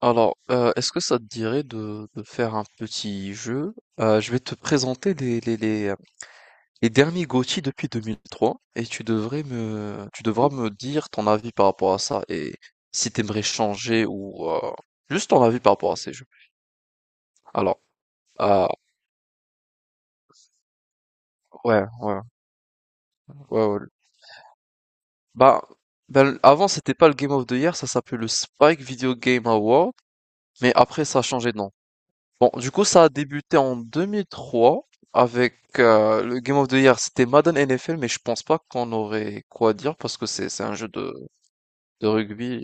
Alors, est-ce que ça te dirait de faire un petit jeu? Je vais te présenter les derniers GOTY depuis 2003 et tu devras me dire ton avis par rapport à ça et si t'aimerais changer ou juste ton avis par rapport à ces jeux. Alors, euh, ouais, ouais, ouais, ouais. Bah, ben, avant c'était pas le Game of the Year, ça s'appelait le Spike Video Game Award, mais après ça a changé de nom. Bon, du coup, ça a débuté en 2003 avec le Game of the Year. C'était Madden NFL, mais je pense pas qu'on aurait quoi dire parce que c'est un jeu de rugby.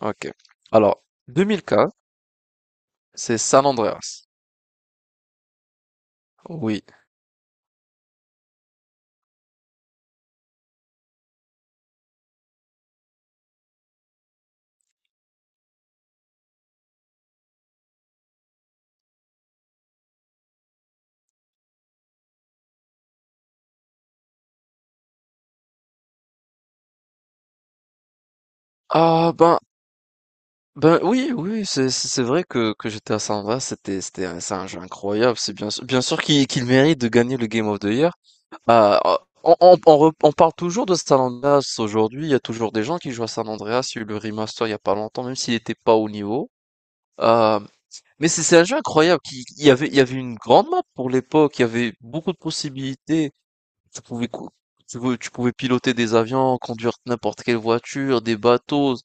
Ok. Alors, 2004, c'est San Andreas. Oui. Ah ben oui, oui, oui, c'est vrai que j'étais à San Andreas. C'est un jeu incroyable. Bien sûr qu'il mérite de gagner le Game of the Year. Bah, on parle toujours de San Andreas aujourd'hui. Il y a toujours des gens qui jouent à San Andreas. Il y a eu le remaster il y a pas longtemps, même s'il n'était pas au niveau. Euh, mais c'est un jeu incroyable. Qui, il y avait, Il y avait une grande map pour l'époque. Il y avait beaucoup de possibilités. Tu pouvais, cou- tu pouvais piloter des avions, conduire n'importe quelle voiture, des bateaux.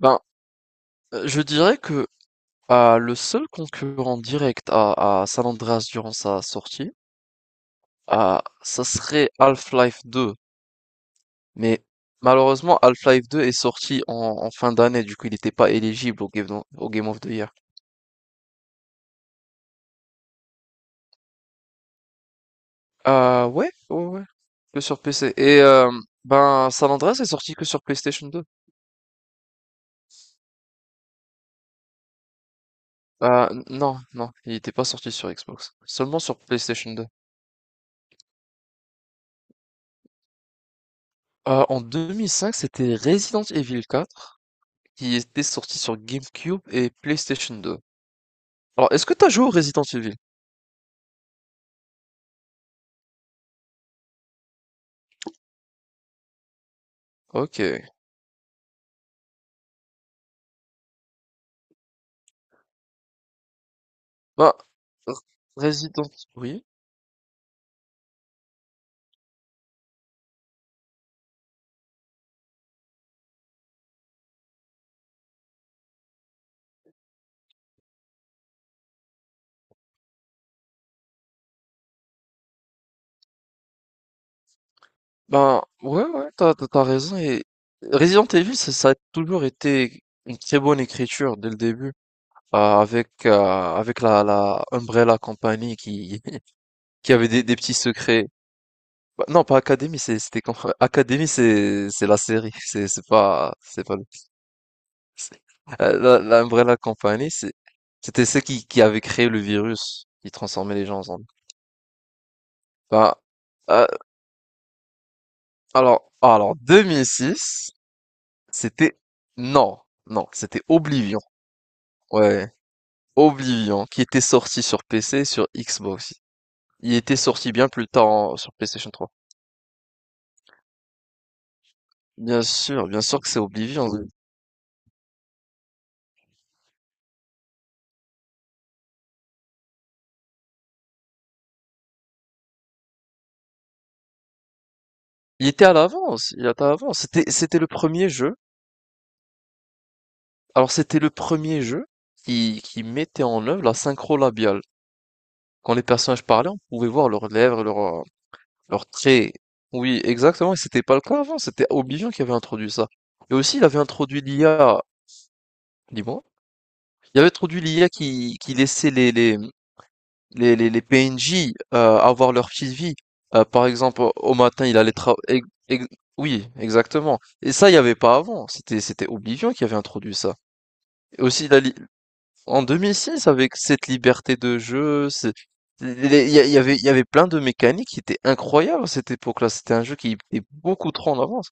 Ben, je dirais que le seul concurrent direct à San Andreas durant sa sortie, ça serait Half-Life deux. Mais malheureusement, Half-Life 2 est sorti en fin d'année, du coup il n'était pas éligible au Game of the Year. Ah ouais, ouais, ouais, que sur PC. Et ben San Andreas est sorti que sur PlayStation 2. Ah non, non, il n'était pas sorti sur Xbox, seulement sur PlayStation 2. En 2005, c'était Resident Evil 4 qui était sorti sur GameCube et PlayStation 2. Alors, est-ce que t'as joué au Resident Evil? Ok. Bah, R- Resident... Oui. Ben ouais, ouais, t'as raison. Et Resident Evil, ça a toujours été une très bonne écriture dès le début, avec avec la Umbrella Company qui qui avait des petits secrets. Bah, non, pas Academy, c'était quand, Academy, c'est la série, c'est pas le. c'est- la Umbrella Company, c'était ceux qui avaient créé le virus qui transformait les gens en zombies. Bah, euh, alors 2006. C'était Non, non, c'était Oblivion. Ouais, Oblivion, qui était sorti sur PC et sur Xbox. Il était sorti bien plus tard sur PlayStation 3. Bien sûr que c'est Oblivion. Il était à l'avance, il était à l'avance. C'était le premier jeu. Alors c'était le premier jeu qui mettait en œuvre la synchro labiale. Quand les personnages parlaient, on pouvait voir leurs lèvres, leurs traits. Oui, exactement. Et c'était pas le cas avant. C'était Oblivion qui avait introduit ça. Et aussi, il avait introduit l'IA. Dis Il avait introduit l'IA qui laissait les PNJ, avoir leur petite vie. Par exemple, au matin, il allait travailler. Oui, exactement. Et ça, il n'y avait pas avant. C'était Oblivion qui avait introduit ça. Et aussi, en 2006, avec cette liberté de jeu, il y avait plein de mécaniques qui étaient incroyables à cette époque-là. C'était un jeu qui était beaucoup trop en avance.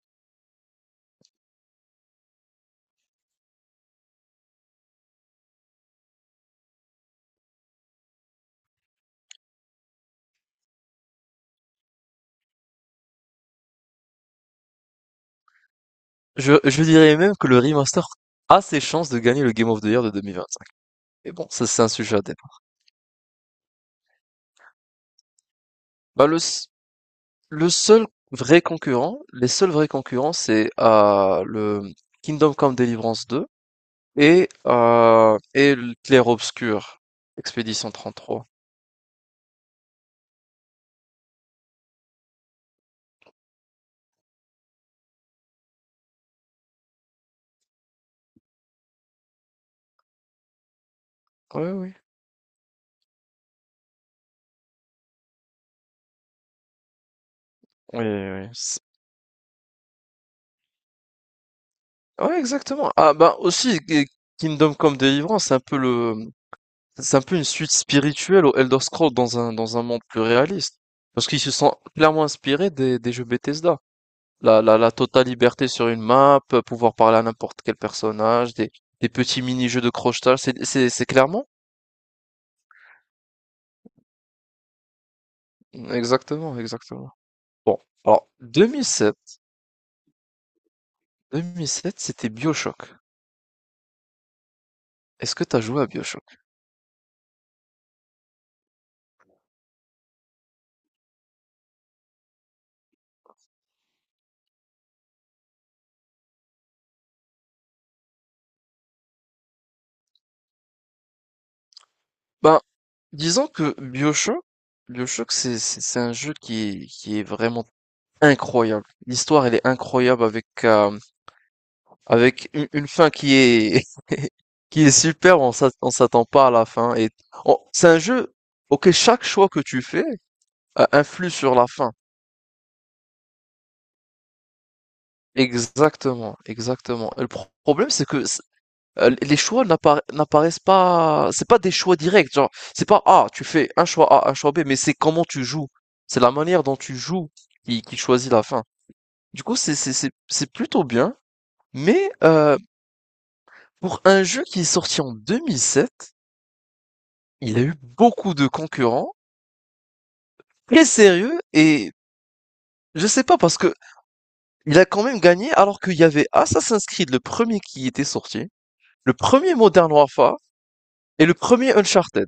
Je dirais même que le remaster a ses chances de gagner le Game of the Year de 2025. Mais bon, ça c'est un sujet à débat. Bah, le seul vrai concurrent, les seuls vrais concurrents, c'est le Kingdom Come Deliverance 2 et le Clair Obscur, Expédition 33. Oui, oui. Oui, oui. Ouais, exactement. Ah, bah aussi, et Kingdom Come Deliverance, c'est un peu une suite spirituelle au Elder Scrolls dans un monde plus réaliste. Parce qu'ils se sont clairement inspirés des jeux Bethesda. La totale liberté sur une map, pouvoir parler à n'importe quel personnage, des petits mini-jeux de crochetage, c'est clairement? Exactement, exactement. Bon, alors 2007, 2007, c'était BioShock. Est-ce que t'as joué à BioShock? Ben, disons que BioShock, c'est un jeu qui est vraiment incroyable. L'histoire, elle est incroyable avec une fin qui est qui est super, on s'attend pas à la fin et c'est un jeu auquel chaque choix que tu fais influe sur la fin. Exactement, exactement. Le problème c'est que les choix n'apparaissent pas, c'est pas des choix directs, genre c'est pas, ah, tu fais un choix A, un choix B, mais c'est comment tu joues. C'est la manière dont tu joues qui choisit la fin. Du coup, c'est plutôt bien, mais pour un jeu qui est sorti en 2007, il a eu beaucoup de concurrents très sérieux et je sais pas parce que il a quand même gagné alors qu'il y avait Assassin's Creed le premier qui était sorti, le premier Modern Warfare et le premier Uncharted.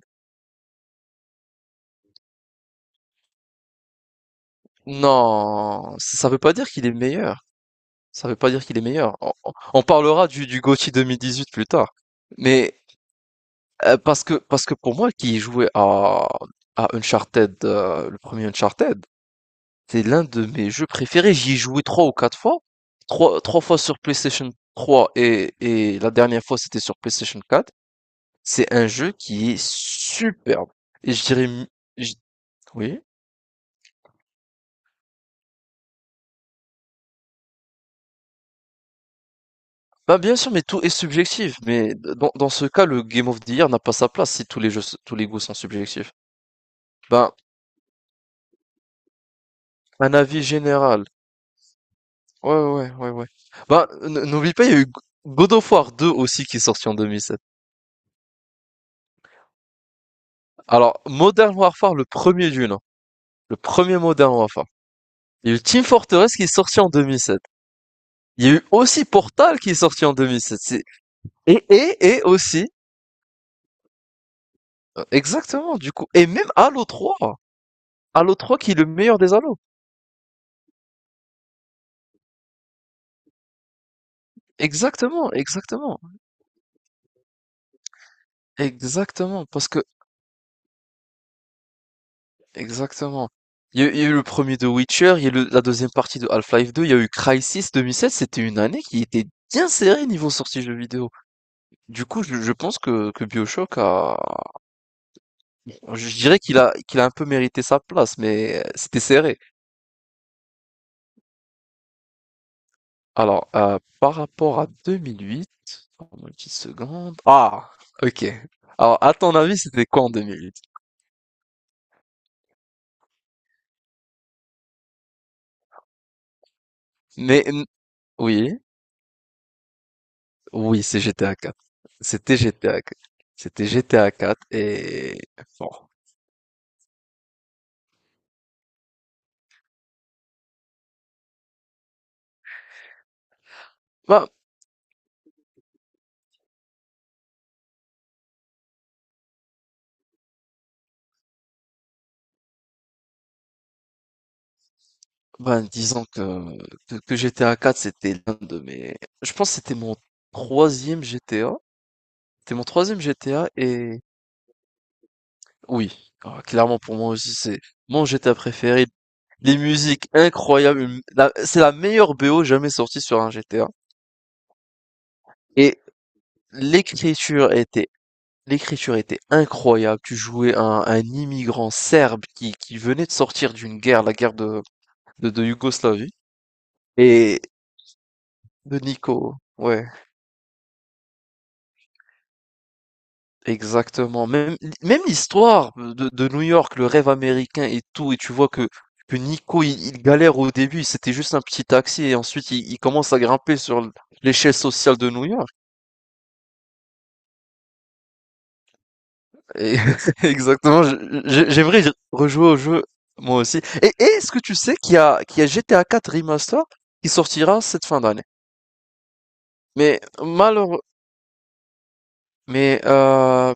Non, ça veut pas dire qu'il est meilleur. Ça veut pas dire qu'il est meilleur. On parlera du GOTY 2018 plus tard. Mais parce que pour moi qui jouait à Uncharted, le premier Uncharted, c'est l'un de mes jeux préférés, j'y ai joué 3 ou 4 fois. Trois fois sur PlayStation 3 et la dernière fois c'était sur PlayStation 4. C'est un jeu qui est superbe. Et je dirais, mi- je- oui. Bah bien sûr, mais tout est subjectif. Mais dans ce cas, le Game of the Year n'a pas sa place si tous les jeux, tous les goûts sont subjectifs. Ben, un avis général. Ouais, ouais, ouais, ouais. Ben, n'oublie pas, il y a eu God of War 2 aussi qui est sorti en 2007. Alors, Modern Warfare, le premier du nom. Le premier Modern Warfare. Il y a eu Team Fortress qui est sorti en 2007. Il y a eu aussi Portal qui est sorti en 2007. Et aussi, exactement, du coup. Et même Halo 3. Halo 3 qui est le meilleur des Halo. Exactement, exactement. Exactement, parce que, exactement. Il y a eu le premier de Witcher, il y a eu la deuxième partie de Half-Life 2, il y a eu Crysis 2007, c'était une année qui était bien serrée niveau sortie jeux vidéo. Du coup, je pense que je dirais qu'il a un peu mérité sa place, mais c'était serré. Alors, par rapport à 2008, donne-moi une petite seconde. Ah! OK. Alors, à ton avis, c'était quoi en 2008? Mais n Oui, oui, c'est GTA 4. C'était GTA 4. C'était GTA 4 et bon, bah, ben, disons que GTA 4, c'était l'un de mes je pense que c'était mon 3e GTA. C'était mon 3e GTA et oui, ah, clairement pour moi aussi, c'est mon GTA préféré. Des musiques incroyables, c'est la meilleure BO jamais sortie sur un GTA. Et l'écriture était, l'écriture était incroyable. Tu jouais un immigrant serbe qui venait de sortir d'une guerre, la guerre de Yougoslavie, et de Nico. Ouais, exactement. Même l'histoire de New York, le rêve américain et tout, et tu vois que Nico, il galère au début, c'était juste un petit taxi, et ensuite il commence à grimper sur l'échelle sociale de New York. Et exactement, je j'aimerais y rejouer au jeu, moi aussi. Et est-ce que tu sais qu'il y a GTA 4 Remaster qui sortira cette fin d'année? Mais malheureux, mais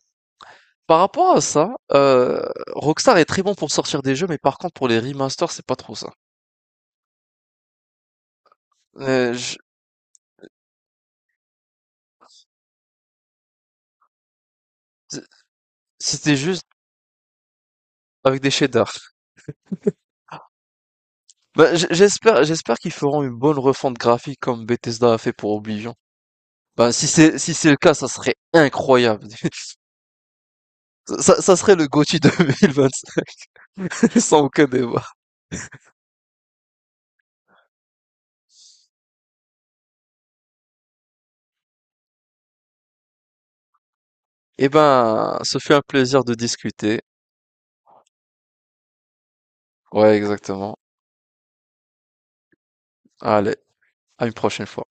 par rapport à ça, Rockstar est très bon pour sortir des jeux, mais par contre pour les remasters, c'est pas trop ça. Euh, je- C'était juste avec des shaders. Bah, j'espère qu'ils feront une bonne refonte graphique comme Bethesda a fait pour Oblivion. Bah, si c'est le cas, ça serait incroyable. Ça serait le GOTY 2025. Sans aucun débat. Eh ben, ce fut un plaisir de discuter. Ouais, exactement. Allez, à une prochaine fois.